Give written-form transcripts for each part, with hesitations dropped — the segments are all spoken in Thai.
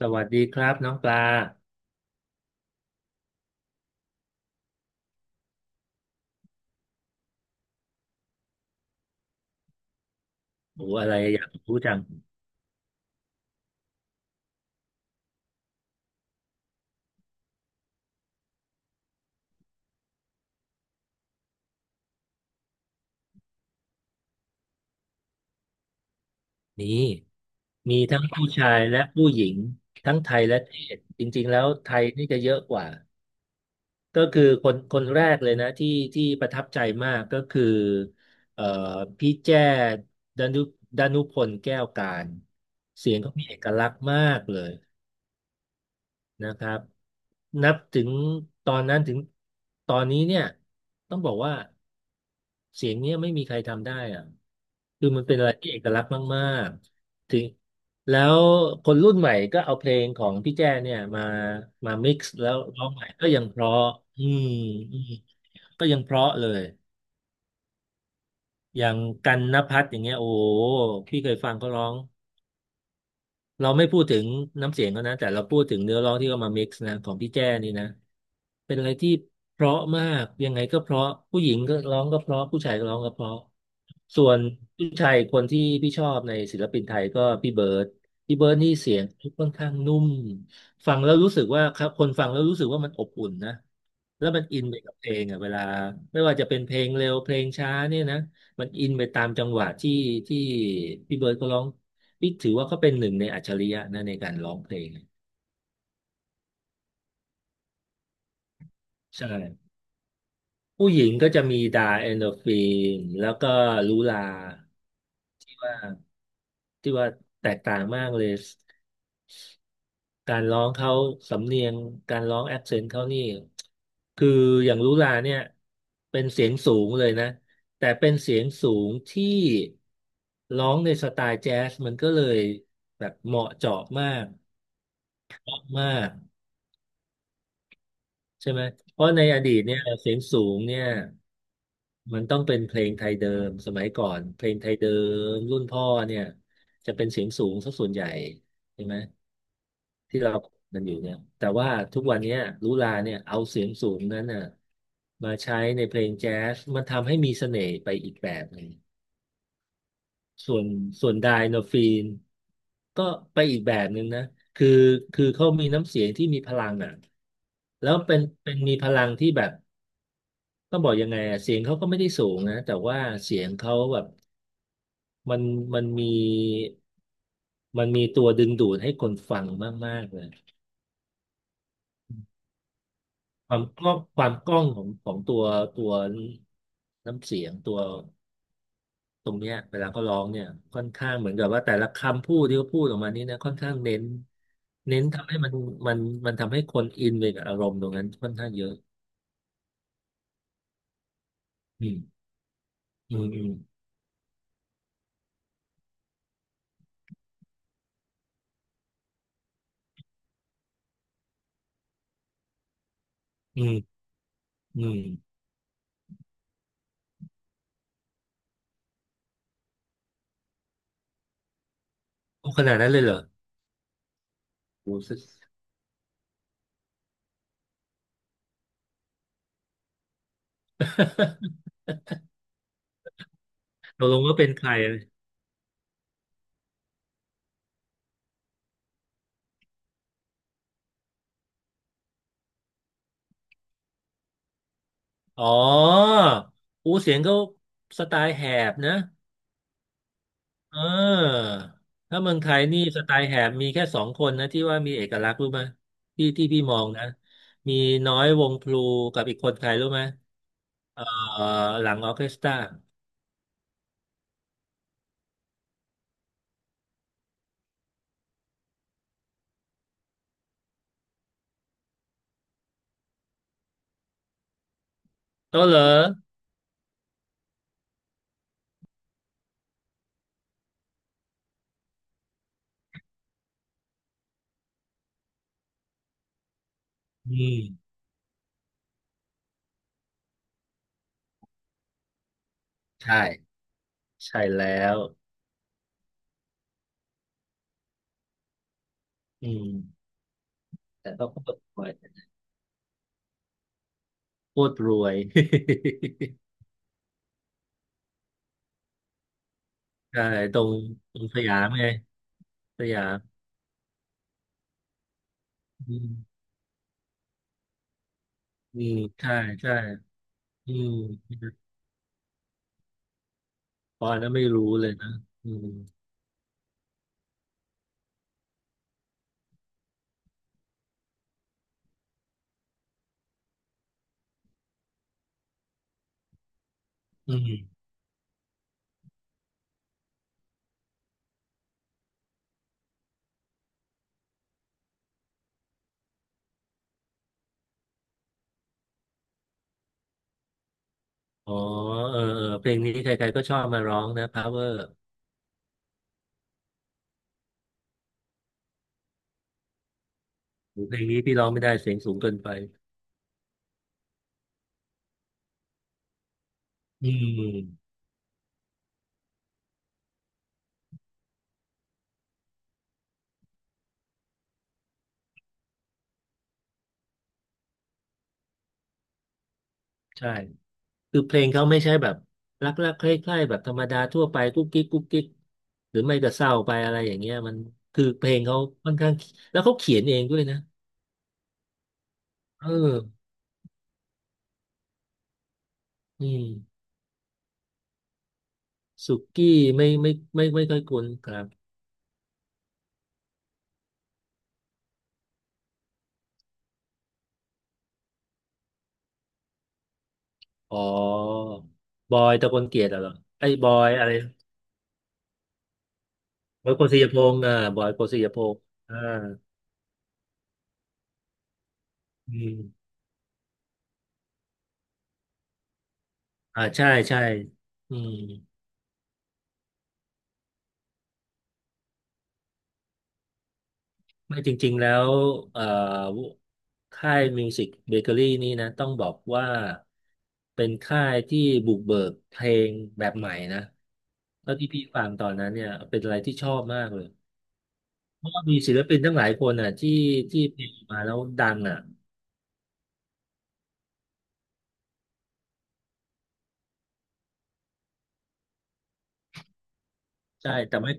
สวัสดีครับน้องปลาโอ้อะไรอยากรู้จัง นี่มีทั้งผู้ชายและผู้หญิงทั้งไทยและเทศจริงๆแล้วไทยนี่จะเยอะกว่าก็คือคนคนแรกเลยนะที่ประทับใจมากก็คือเอ่อพี่แจ้ดานุดานุพลแก้วการเสียงเขามีเอกลักษณ์มากเลยนะครับนับถึงตอนนั้นถึงตอนนี้เนี่ยต้องบอกว่าเสียงเนี้ยไม่มีใครทำได้อะ คือมันเป็นอะไรที่เอกลักษณ์มากๆถึงแล้วคนรุ่นใหม่ก็เอาเพลงของพี่แจ้เนี่ยมามิกซ์แล้วร้องใหม่ก็ยังเพราะอืมอืมก็ยังเพราะเลยอย่างกันณภัทรอย่างเงี้ยโอ้โหพี่เคยฟังเขาร้อง เราไม่พูดถึงน้ำเสียงเขานะแต่เราพูดถึงเนื้อร้องที่เขามา mix นะของพี่แจ้นี่นะเป็นอะไรที่เพราะมากยังไงก็เพราะผู้หญิงก็ร้องก็เพราะผู้ชายก็ร้องก็เพราะส่วนผู้ชายคนที่พี่ชอบในศิลปินไทยก็พี่เบิร์ดพี่เบิร์ดนี่เสียงค่อนข้างนุ่มฟังแล้วรู้สึกว่าครับคนฟังแล้วรู้สึกว่ามันอบอุ่นนะแล้วมันอินไปกับเพลงอ่ะเวลาไม่ว่าจะเป็นเพลงเร็วเพลงช้าเนี่ยนะมันอินไปตามจังหวะที่พี่เบิร์ดก็ร้อง พี่ถือว่าเขาเป็นหนึ่งในอัจฉริยะนะในการร้องเพลงใช่ผู้หญิงก็จะมีดาเอนโดรฟินแล้วก็ลูลาที่ว่าแตกต่างมากเลยการร้องเขาสำเนียงการร้องแอคเซนต์เขานี่คืออย่างลุลาเนี่ยเป็นเสียงสูงเลยนะแต่เป็นเสียงสูงที่ร้องในสไตล์แจ๊สมันก็เลยแบบเหมาะเจาะมากมากใช่ไหมเพราะในอดีตเนี่ยเสียงสูงเนี่ย มันต้องเป็นเพลงไทยเดิมสมัยก่อนเพลงไทยเดิมรุ่นพ่อเนี่ยจะเป็นเสียงสูงสักส่วนใหญ่ใช่ไหมที่เรากันอยู่เนี่ยแต่ว่าทุกวันเนี้ยลุลาเนี่ยเอาเสียงสูงนั้นน่ะมาใช้ในเพลงแจ๊สมันทำให้มีเสน่ห์ไปอีกแบบหนึ่งส่วนส่วนไดโนฟีนก็ไปอีกแบบหนึ่งนะคือคือเขามีน้ำเสียงที่มีพลังอ่ะแล้วเป็นมีพลังที่แบบต้องบอกยังไงอะเสียงเขาก็ไม่ได้สูงนะแต่ว่าเสียงเขาแบบ มันมันมีมีตัวดึงดูดให้คนฟังมากๆเลยความกล้องความกล้องของของตัวตัวน้ำเสียงตัวตรงเนี้ยเวลาเขาร้องเนี่ยค่อนข้างเหมือนกับว่าแต่ละคำพูดที่เขาพูดออกมานี้นะค่อนข้างเน้นเน้นทำให้มันมันมันทำให้คนอินไปกับอารมณ์ตรงนั้นค่อนข้างเยอะอืมอืมอืมอืมอืมโอ้ขนาดนั้นเลยเหรอโอ้ ตกลงว่าเป็นใคร อ๋อ อูเสียงเขาสไตล์แหบนะเออถ้าเมืองไทยนี่สไตล์แหบมีแค่สองคนนะที่ว่ามีเอกลักษณ์รู้ไหมที่พี่มองนะมีน้อยวงพลูกับอีกคนใครรู้ไหมเออหลังออร์เคสตราโต้เหรออืมใช่ใช่แล้วอืมแต่เขาก็รวยโคตรรวย ใช่ตรงตรงสยามไงสยามอืมอืมใช่ใช่อืม ปอนน่ะไม่รู้เลยนะอืมอืมอ๋อเออเออเพลงนี้ใครๆก็ชอบมาร้องนะ Power เพลงนี้พี่ร้องไม่ได้เสียงสูงเกินไปอืมใช่คือเพลงเขาไม่ใช่แบบรักรักใคร่ๆแบบธรรมดาทั่วไปกุ๊กกิ๊กกุ๊กกิ๊กหรือไม่ก็เศร้าไปอะไรอย่างเงี้ยมันคือเพลงเขาค่อนข้างแล้วเขาเขียนเองด้วยนะเอออืมสุกี้ไม่ค่อยคุ้นครับอ๋อบอยตะกลเกียรติเหรอไอ้บอยอะไร บอยโกสิยพงษ์อ่าบอยโกสิยพงษ์อ่าอืมอ่าใช่ใช่อืมไม่จริงๆแล้วเอ่อค่ายมิวสิกเบเกอรี่นี่นะต้องบอกว่าเป็นค่ายที่บุกเบิกเพลงแบบใหม่นะแล้วที่พี่ฟังตอนนั้นเนี่ยเป็นอะไรที่ชอบมากเลยเพราะว่ามีศิลปินตั้งหลายคนอ่ะที่เพลงมาแล้วดังอ่ะใช่แต่ไม่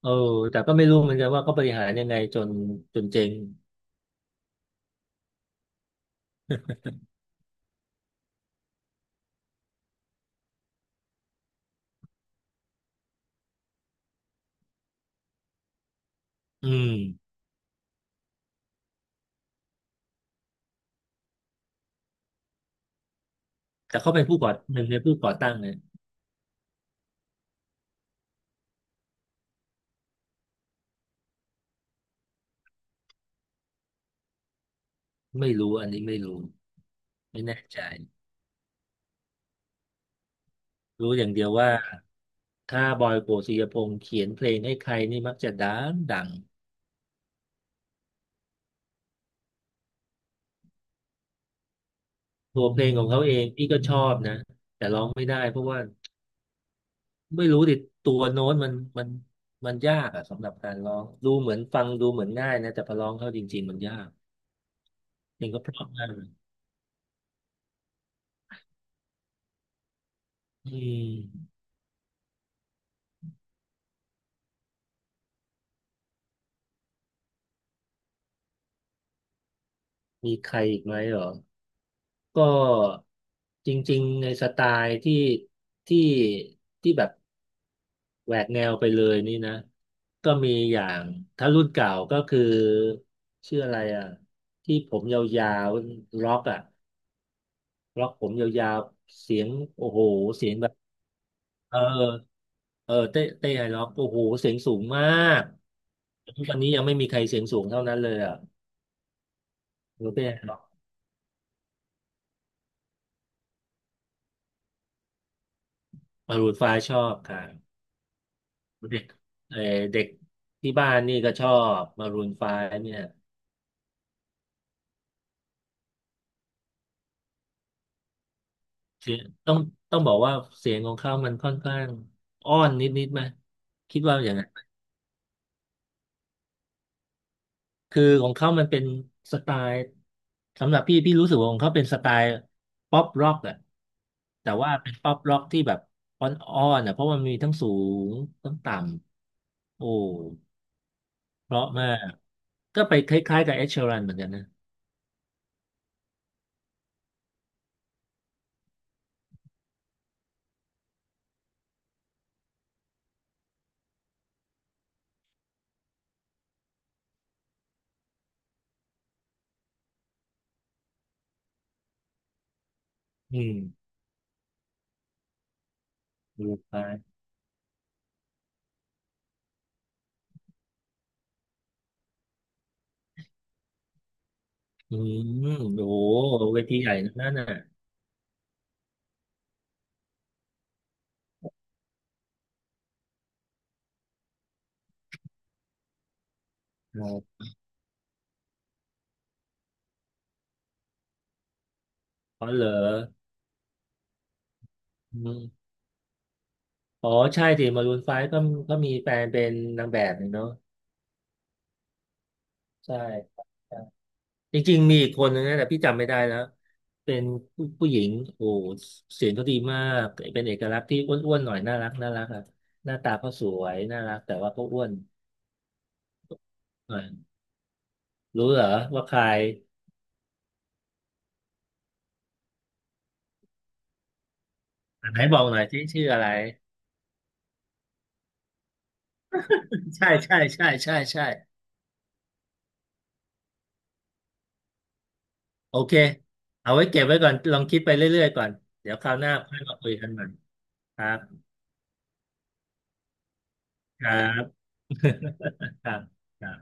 เออแต่ก็ไม่รู้เหมือนกันว่าเขาบริหารยังไงจนเจ๊งอืม แต่เขาเป็นผู้ก่อหนึ่งในผู้ก่อตั้งเนี่ยไม่รู้อันนี้ไม่รู้ไม่แน่ใจรู้อย่างเดียวว่าถ้าบอยโกสิยพงษ์เขียนเพลงให้ใครนี่มักจะดังดังตัวเพลงของเขาเองพี่ก็ชอบนะแต่ร้องไม่ได้เพราะว่าไม่รู้ดิตัวโน้ตมันมันยากอะสำหรับการร้องดูเหมือนฟังดูเหมือนง่ายนะแต่พอร้องเข้าจริงๆมันยากเพลงก็เพราะมากเลยอืมมีใครอีกไหมเหรอก็จริงๆในสไตล์ที่ที่แบบ แหวกแนวไปเลยนี่นะก็มีอย่างถ้ารุ่นเก่าก็คือชื่ออะไรอ่ะที่ผมยาวๆล็อกอ่ะล็อกผมยาวๆเสียงโอ้โหเสียงแบบเออเออเต้ไฮล็อกโอ้โหเสียงสูงมากทุกวันนี้ยังไม่มีใครเสียงสูงเท่านั้นเลยอ่ะรู้เต้ไฮล็อกมารูนไฟชอบค่ะเด็กเออเด็กที่บ้านนี่ก็ชอบมารูนไฟเนี่ย เสียงต้องบอกว่าเสียงของเขามันค่อนข้างอ้อนนิดนิดไหมคิดว่าอย่างนั้นคือของเขามันเป็นสไตล์สำหรับพี่พี่รู้สึกว่าของเขาเป็นสไตล์ป๊อปร็อกอะแต่ว่าเป็นป๊อปร็อกที่แบบอ้อนอ้อนอะเพราะมันมีทั้งสูงทั้งต่ำโอ้เพราะมากก็ไปคล้ายๆกับเอ s h ช r รันเหมือนกันนะอืมดูไปอืมโอ้โหเวทีใหญ่นั่นน่ะอ๋อเหรออืม อ๋อใช่สิมารูนไฟก็ก็มีแฟนเป็นนางแบบเนี่ยเนาะใช่ใช่จริงๆมีอีกคนนึงนะแต่พี่จำไม่ได้แล้วเป็นผู้หญิงโอ้โหเสียงเขาดีมากเป็นเอกลักษณ์ที่อ้วนๆหน่อยน่ารักน่ารักอะหน้าตาเขาสวยน่ารักแต่ว่าเขาอ้วนหน่อยรู้เหรอว่าใครอันไหนบอกหน่อยที่ชื่ออะไรใช่ใช่ใช่ใช่ใช่โอเคเอาไว้เก็บไว้ก่อนลองคิดไปเรื่อยๆก่อนเดี๋ยวคราวหน้าค่อยมาคุยกันใหม่ครับครับครับ